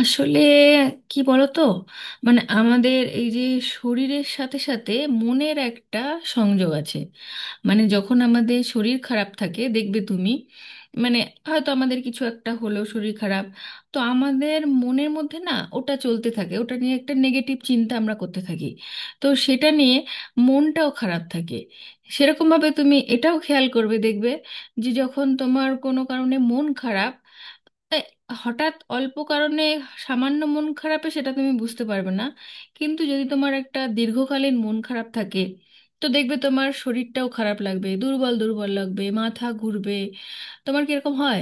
আসলে কি বলতো, আমাদের এই যে শরীরের সাথে সাথে মনের একটা সংযোগ আছে। যখন আমাদের শরীর খারাপ থাকে দেখবে তুমি, মানে হয়তো আমাদের কিছু একটা হলো শরীর খারাপ, তো আমাদের মনের মধ্যে না ওটা চলতে থাকে, ওটা নিয়ে একটা নেগেটিভ চিন্তা আমরা করতে থাকি, তো সেটা নিয়ে মনটাও খারাপ থাকে। সেরকমভাবে তুমি এটাও খেয়াল করবে, দেখবে যে যখন তোমার কোনো কারণে মন খারাপ এ, হঠাৎ অল্প কারণে সামান্য মন খারাপে সেটা তুমি বুঝতে পারবে না, কিন্তু যদি তোমার একটা দীর্ঘকালীন মন খারাপ থাকে তো দেখবে তোমার শরীরটাও খারাপ লাগবে, দুর্বল দুর্বল লাগবে, মাথা ঘুরবে। তোমার কি এরকম হয়?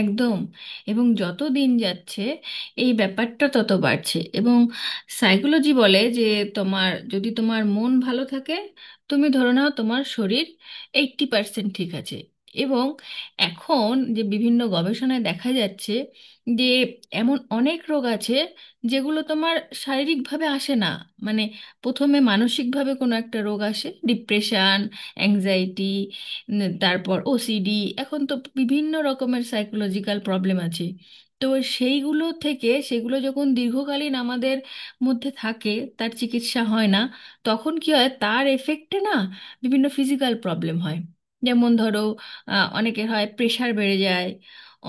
একদম। এবং যত দিন যাচ্ছে এই ব্যাপারটা তত বাড়ছে। এবং সাইকোলজি বলে যে তোমার যদি তোমার মন ভালো থাকে, তুমি ধরে নাও তোমার শরীর 80% ঠিক আছে। এবং এখন যে বিভিন্ন গবেষণায় দেখা যাচ্ছে যে এমন অনেক রোগ আছে যেগুলো তোমার শারীরিকভাবে আসে না, মানে প্রথমে মানসিকভাবে কোনো একটা রোগ আসে, ডিপ্রেশন, অ্যাংজাইটি, তারপর ওসিডি। এখন তো বিভিন্ন রকমের সাইকোলজিক্যাল প্রবলেম আছে। তো সেইগুলো থেকে, সেগুলো যখন দীর্ঘকালীন আমাদের মধ্যে থাকে, তার চিকিৎসা হয় না, তখন কি হয় তার এফেক্টে না বিভিন্ন ফিজিক্যাল প্রবলেম হয়। যেমন ধরো, অনেকের হয় প্রেশার বেড়ে যায়,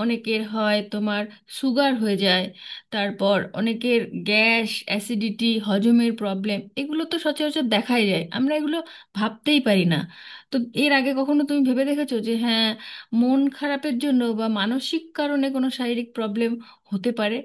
অনেকের হয় তোমার সুগার হয়ে যায়, তারপর অনেকের গ্যাস অ্যাসিডিটি হজমের প্রবলেম, এগুলো তো সচরাচর দেখাই যায়। আমরা এগুলো ভাবতেই পারি না। তো এর আগে কখনো তুমি ভেবে দেখেছো যে হ্যাঁ, মন খারাপের জন্য বা মানসিক কারণে কোনো শারীরিক প্রবলেম হতে পারে?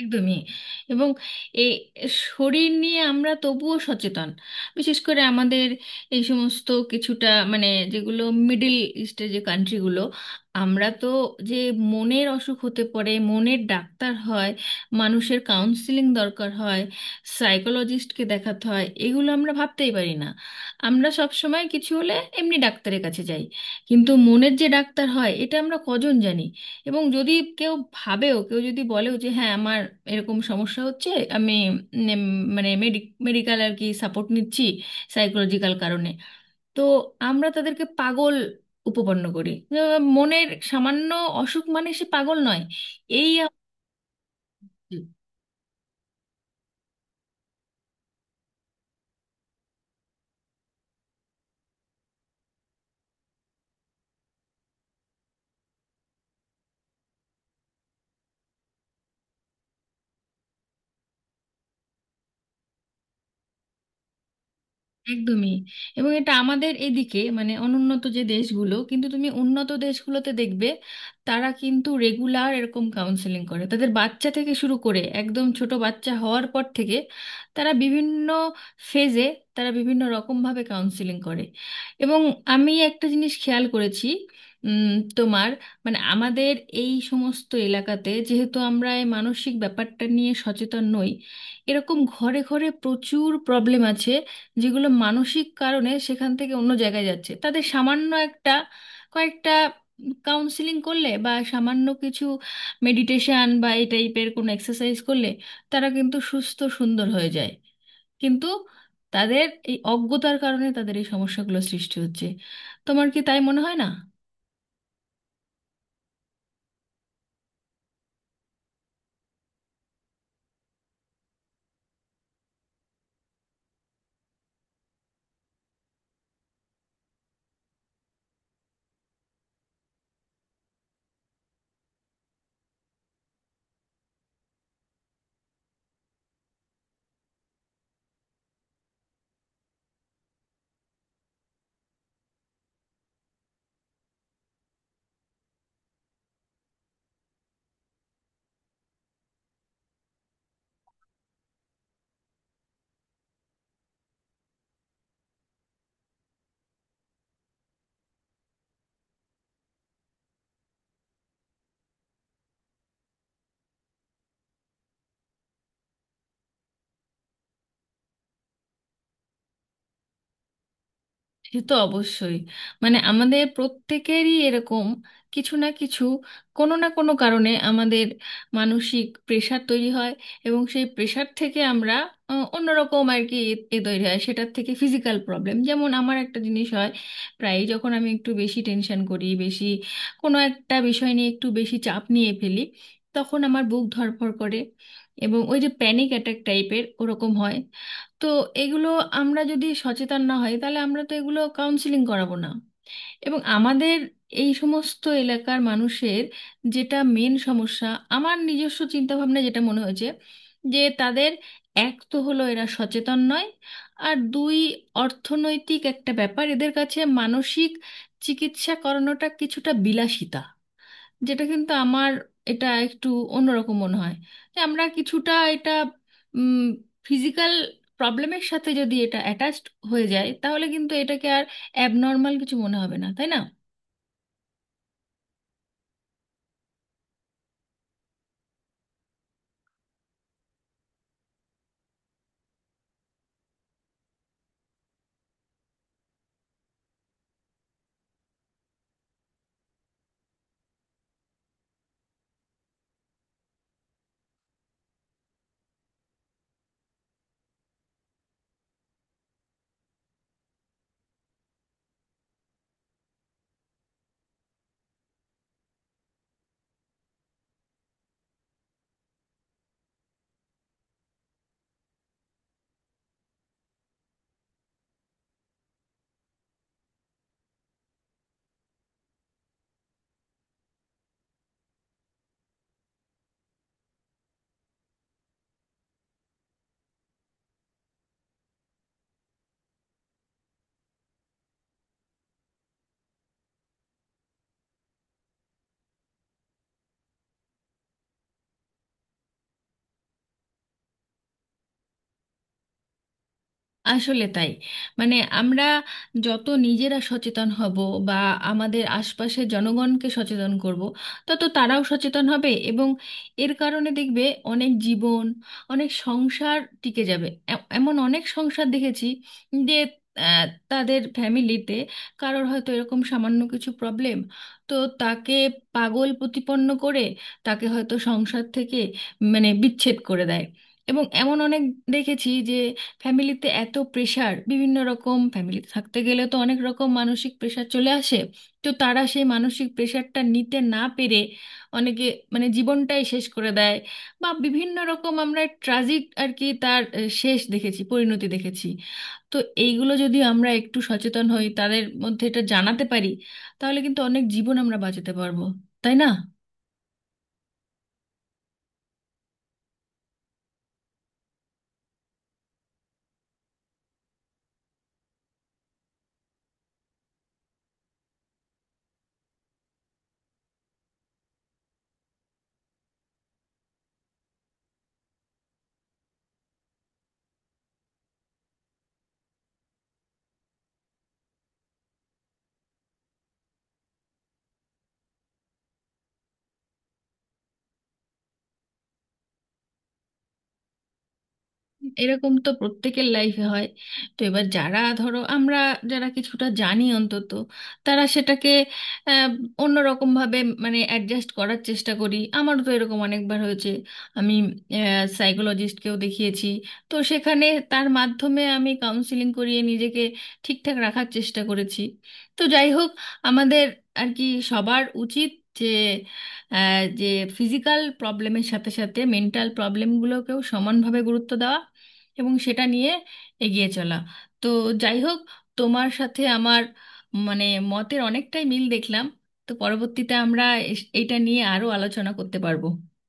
একদমই। এবং এই শরীর নিয়ে আমরা তবুও সচেতন, বিশেষ করে আমাদের এই সমস্ত কিছুটা মানে যেগুলো মিডল ইস্টের যে কান্ট্রিগুলো, আমরা তো যে মনের অসুখ হতে পারে, মনের ডাক্তার হয়, মানুষের কাউন্সিলিং দরকার হয়, সাইকোলজিস্টকে দেখাতে হয়, এগুলো আমরা ভাবতেই পারি না। আমরা সব সময় কিছু হলে এমনি ডাক্তারের কাছে যাই, কিন্তু মনের যে ডাক্তার হয় এটা আমরা কজন জানি। এবং যদি কেউ ভাবেও, কেউ যদি বলেও যে হ্যাঁ আমার এরকম সমস্যা হচ্ছে, আমি মানে মেডিকেল আর কি সাপোর্ট নিচ্ছি সাইকোলজিক্যাল কারণে, তো আমরা তাদেরকে পাগল উপপন্ন করি যে মনের সামান্য অসুখ মানে সে পাগল নয়। এই একদমই। এবং এটা আমাদের এদিকে, মানে অনুন্নত যে দেশগুলো, কিন্তু তুমি উন্নত দেশগুলোতে দেখবে তারা কিন্তু রেগুলার এরকম কাউন্সেলিং করে তাদের বাচ্চা থেকে শুরু করে একদম ছোট বাচ্চা হওয়ার পর থেকে। তারা বিভিন্ন ফেজে, তারা বিভিন্ন রকমভাবে কাউন্সেলিং করে। এবং আমি একটা জিনিস খেয়াল করেছি, উম, তোমার মানে আমাদের এই সমস্ত এলাকাতে যেহেতু আমরা এই মানসিক ব্যাপারটা নিয়ে সচেতন নই, এরকম ঘরে ঘরে প্রচুর প্রবলেম আছে যেগুলো মানসিক কারণে সেখান থেকে অন্য জায়গায় যাচ্ছে। তাদের সামান্য একটা, কয়েকটা কাউন্সিলিং করলে বা সামান্য কিছু মেডিটেশন বা এই টাইপের কোনো এক্সারসাইজ করলে তারা কিন্তু সুস্থ সুন্দর হয়ে যায়, কিন্তু তাদের এই অজ্ঞতার কারণে তাদের এই সমস্যাগুলো সৃষ্টি হচ্ছে। তোমার কি তাই মনে হয় না? সে তো অবশ্যই। আমাদের প্রত্যেকেরই এরকম কিছু না কিছু কোনো না কোনো কারণে আমাদের মানসিক প্রেশার তৈরি হয়, এবং সেই প্রেশার থেকে আমরা অন্যরকম আর কি এ এ তৈরি হয় সেটার থেকে ফিজিক্যাল প্রবলেম। যেমন আমার একটা জিনিস হয়, প্রায়ই যখন আমি একটু বেশি টেনশন করি, বেশি কোনো একটা বিষয় নিয়ে একটু বেশি চাপ নিয়ে ফেলি, তখন আমার বুক ধড়ফড় করে এবং ওই যে প্যানিক অ্যাটাক টাইপের ওরকম হয়। তো এগুলো আমরা যদি সচেতন না হই তাহলে আমরা তো এগুলো কাউন্সিলিং করাবো না। এবং আমাদের এই সমস্ত এলাকার মানুষের যেটা মেন সমস্যা, আমার নিজস্ব চিন্তা ভাবনা যেটা মনে হয়েছে, যে তাদের এক তো হলো এরা সচেতন নয়, আর দুই অর্থনৈতিক একটা ব্যাপার, এদের কাছে মানসিক চিকিৎসা করানোটা কিছুটা বিলাসিতা, যেটা কিন্তু আমার এটা একটু অন্যরকম মনে হয়। যে আমরা কিছুটা এটা ফিজিক্যাল প্রবলেমের সাথে যদি এটা অ্যাটাচড হয়ে যায়, তাহলে কিন্তু এটাকে আর অ্যাবনর্মাল কিছু মনে হবে না, তাই না? আসলে তাই। আমরা যত নিজেরা সচেতন হব বা আমাদের আশপাশের জনগণকে সচেতন করব, তত তারাও সচেতন হবে এবং এর কারণে দেখবে অনেক জীবন, অনেক সংসার টিকে যাবে। এমন অনেক সংসার দেখেছি যে আহ, তাদের ফ্যামিলিতে কারোর হয়তো এরকম সামান্য কিছু প্রবলেম, তো তাকে পাগল প্রতিপন্ন করে তাকে হয়তো সংসার থেকে মানে বিচ্ছেদ করে দেয়। এবং এমন অনেক দেখেছি যে ফ্যামিলিতে এত প্রেশার, বিভিন্ন রকম ফ্যামিলিতে থাকতে গেলে তো অনেক রকম মানসিক প্রেশার চলে আসে, তো তারা সেই মানসিক প্রেশারটা নিতে না পেরে অনেকে মানে জীবনটাই শেষ করে দেয়, বা বিভিন্ন রকম আমরা ট্রাজিক আর কি তার শেষ দেখেছি, পরিণতি দেখেছি। তো এইগুলো যদি আমরা একটু সচেতন হই, তাদের মধ্যে এটা জানাতে পারি, তাহলে কিন্তু অনেক জীবন আমরা বাঁচাতে পারবো, তাই না? এরকম তো প্রত্যেকের লাইফে হয়। তো এবার যারা, ধরো আমরা যারা কিছুটা জানি অন্তত, তারা সেটাকে আহ, অন্যরকম ভাবে মানে অ্যাডজাস্ট করার চেষ্টা করি। আমারও তো এরকম অনেকবার হয়েছে, আমি সাইকোলজিস্টকেও দেখিয়েছি। তো সেখানে তার মাধ্যমে আমি কাউন্সিলিং করিয়ে নিজেকে ঠিকঠাক রাখার চেষ্টা করেছি। তো যাই হোক, আমাদের আর কি সবার উচিত যে আহ, যে ফিজিক্যাল প্রবলেমের সাথে সাথে মেন্টাল প্রবলেমগুলোকেও সমানভাবে গুরুত্ব দেওয়া এবং সেটা নিয়ে এগিয়ে চলা। তো যাই হোক, তোমার সাথে আমার মানে মতের অনেকটাই মিল দেখলাম। তো পরবর্তীতে আমরা এটা নিয়ে আরো আলোচনা করতে পারবো।